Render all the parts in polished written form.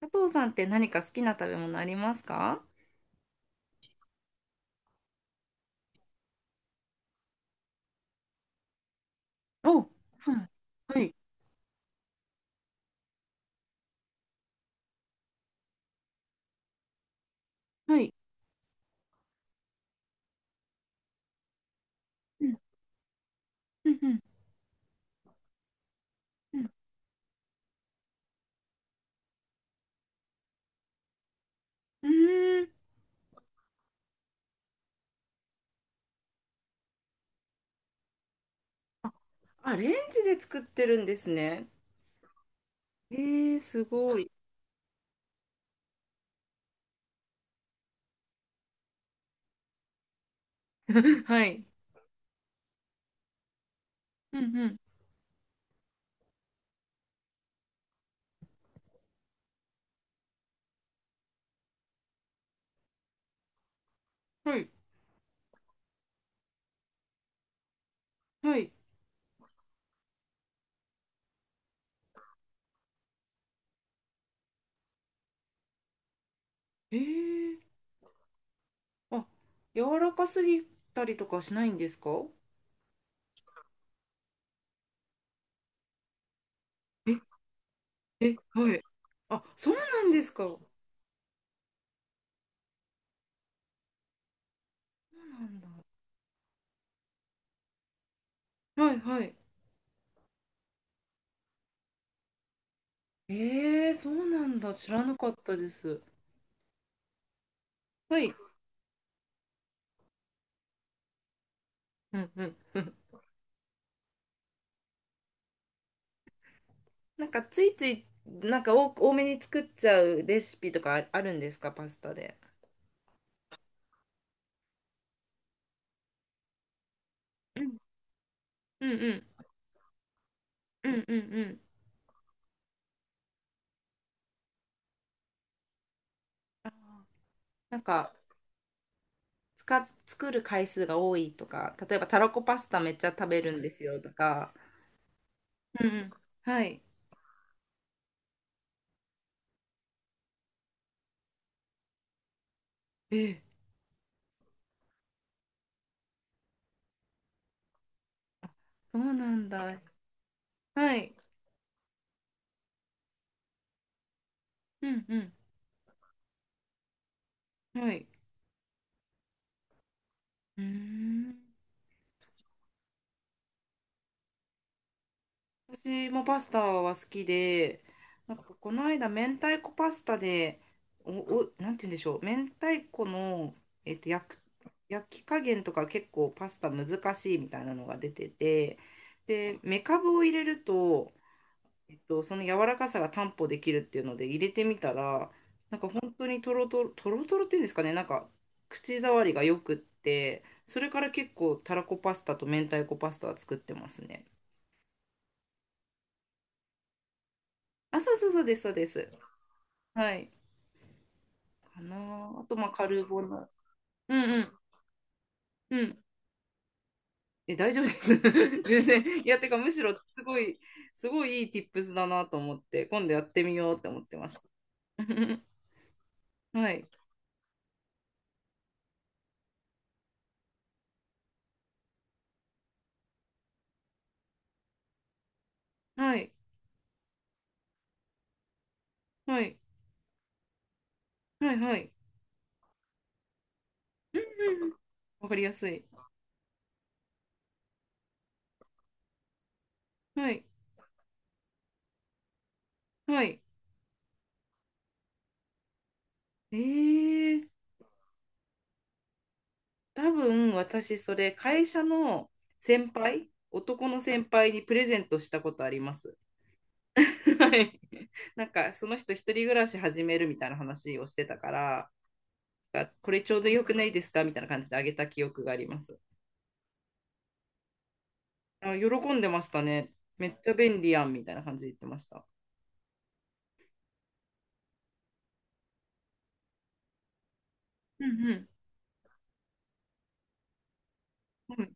佐藤さんって何か好きな食べ物ありますか。お、そうなん、はい、はい。うん、うん。うーん、アレンジで作ってるんですね。えー、すごい。はい。うんうん。はい、はい。えー、あ、柔らかすぎたりとかしないんですか。え、え、はい。あ、そうなんですか。そうなんだ。はい、はい。えー、そうなんだ。知らなかったです。はい。うん、うん。なんかついついなんか多めに作っちゃうレシピとかあるんですか、パスタで。うんうんうんうんうんうん。あー、なんか作る回数が多いとか、例えばたらこパスタめっちゃ食べるんですよとか。うんうん。はい。ええ、そうなんだ。はい。うんうん。はい。うーん。私もパスタは好きで、なんかこの間、明太子パスタで、お、なんて言うんでしょう、明太子の、えっと、焼く、焼き加減とか結構パスタ難しいみたいなのが出てて、で、めかぶを入れると、えっと、その柔らかさが担保できるっていうので入れてみたら、なんか本当にとろとろ、とろとろっていうんですかね、なんか口触りがよくって、それから結構たらこパスタと明太子パスタは作ってますね。あ、そうそうそうです、そうです。はい。かなあ。あと、まあ、カルボナーラ。うんうん。うん。え、大丈夫です。全然。いや、てか、むしろ、すごい、すごいいい tips だなと思って、今度やってみようって思ってました。はい。はい。はい。はい。はい。うん、わかりやすい。はい。はい。えー、多分、私、それ、会社の先輩、男の先輩にプレゼントしたことあります。はい。なんか、その人、一人暮らし始めるみたいな話をしてたから、あ、これちょうどよくないですかみたいな感じであげた記憶があります。あ、喜んでましたね。めっちゃ便利やんみたいな感じで言ってました。うんうん。うん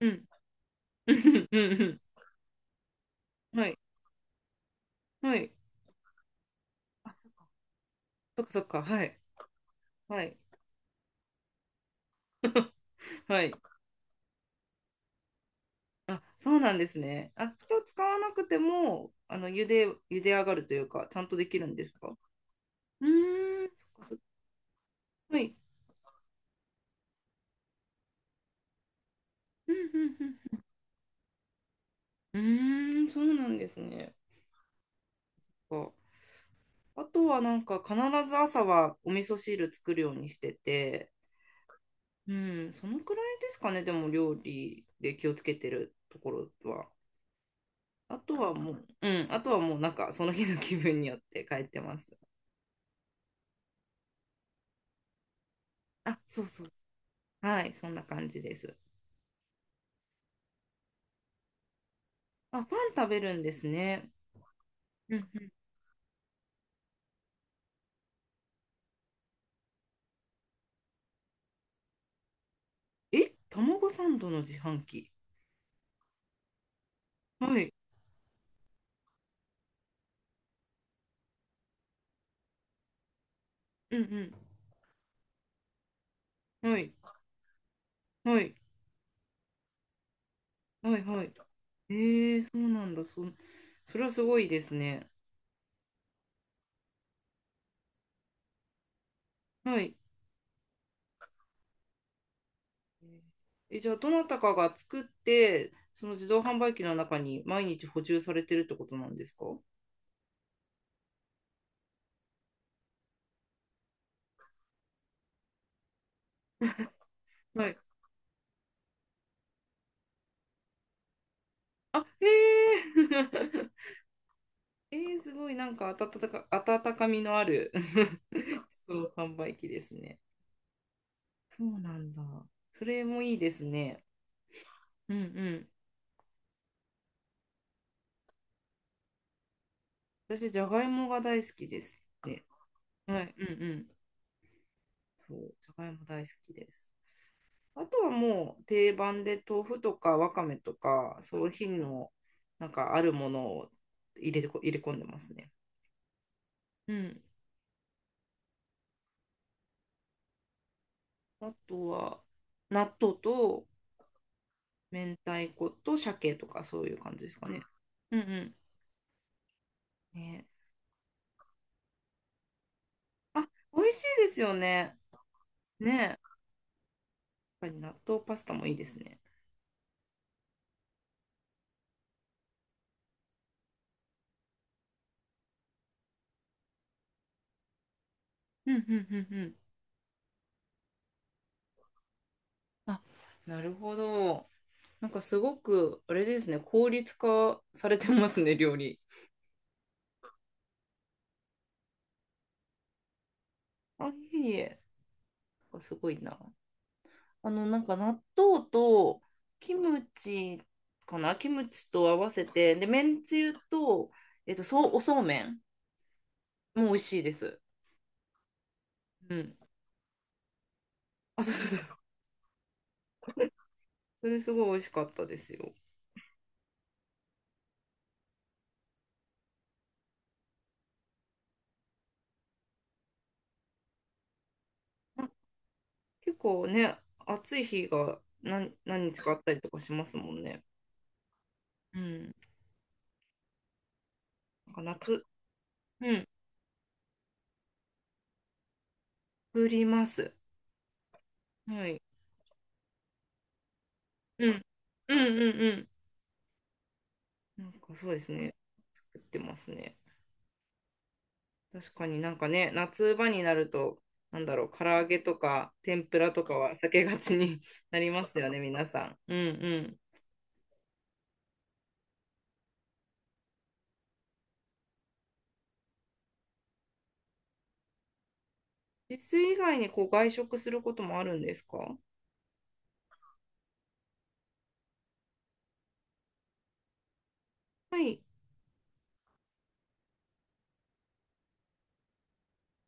うん。うんうんうん。はい。はい。あ、そっか。そっかそっか。はい。はい。はい。あ、そうなんですね。あ、蓋使わなくても、あの、茹で、茹で上がるというか、ちゃんとできるんですか。うーん、そっかそっか。はい。うんうんうん。うんうーん、そうなんですね。あとはなんか必ず朝はお味噌汁作るようにしてて、うん、そのくらいですかね、でも料理で気をつけてるところは。あとはもう、うん、あとはもうなんかその日の気分によって変えてます。あ、そうそうそう。はい、そんな感じです。あ、パン食べるんですね。うんうん。え、卵サンドの自販機。はい、うんうん。はい、はい、はい、はい。えー、そうなんだ。それはすごいですね。はい。え、じゃあ、どなたかが作って、その自動販売機の中に毎日補充されてるってことなんですか。はい。あ、へえ。 えー、すごい、なんか温か、温かみのある 自動販売機ですね。そうなんだ。それもいいですね。うんうん。私、じゃがいもが大好きですって。はい、うんうん。そう、じゃがいも大好きです。あとはもう定番で豆腐とかわかめとか、そういう品のなんかあるものを入れて入れ込んでますね。うん。あとは納豆と明太子と鮭とかそういう感じですかね。うんうん。ね。あ、美味しいですよね。ね。やっぱり納豆パスタもいいですね。うんうんうんうん。あ、なるほど。なんかすごく、あれですね、効率化されてますね、料理。あ、いえいえ。なんかすごいな。あの、なんか納豆とキムチかな、キムチと合わせて、で、めんつゆと、えっと、そう、おそうめんも美味しいです。うん。あ、そうそうそう。それすごい美味しかったですよ。結構ね、暑い日が何日かあったりとかしますもんね。うん。なんか夏、うん、作ります。はい。うん。うんうんうん。なんかそうですね。作ってますね。確かになんかね、夏場になると、なんだろう、唐揚げとか天ぷらとかは避けがちに なりますよね、皆さん。うんうん。自炊以外にこう外食することもあるんですか。はい。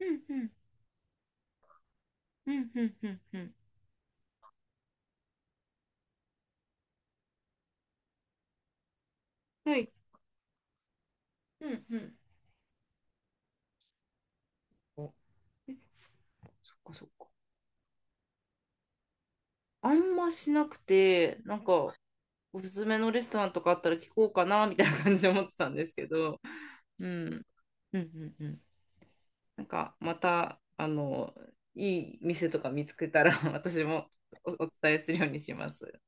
うんうん。うんうんうんうん。はい。うんうん。お、え、そっかそっか。あんましなくて、なんか、おすすめのレストランとかあったら聞こうかな、みたいな感じで思ってたんですけど。うん。うんうんうん。なんかまた、あの、いい店とか見つけたら 私もお伝えするようにします。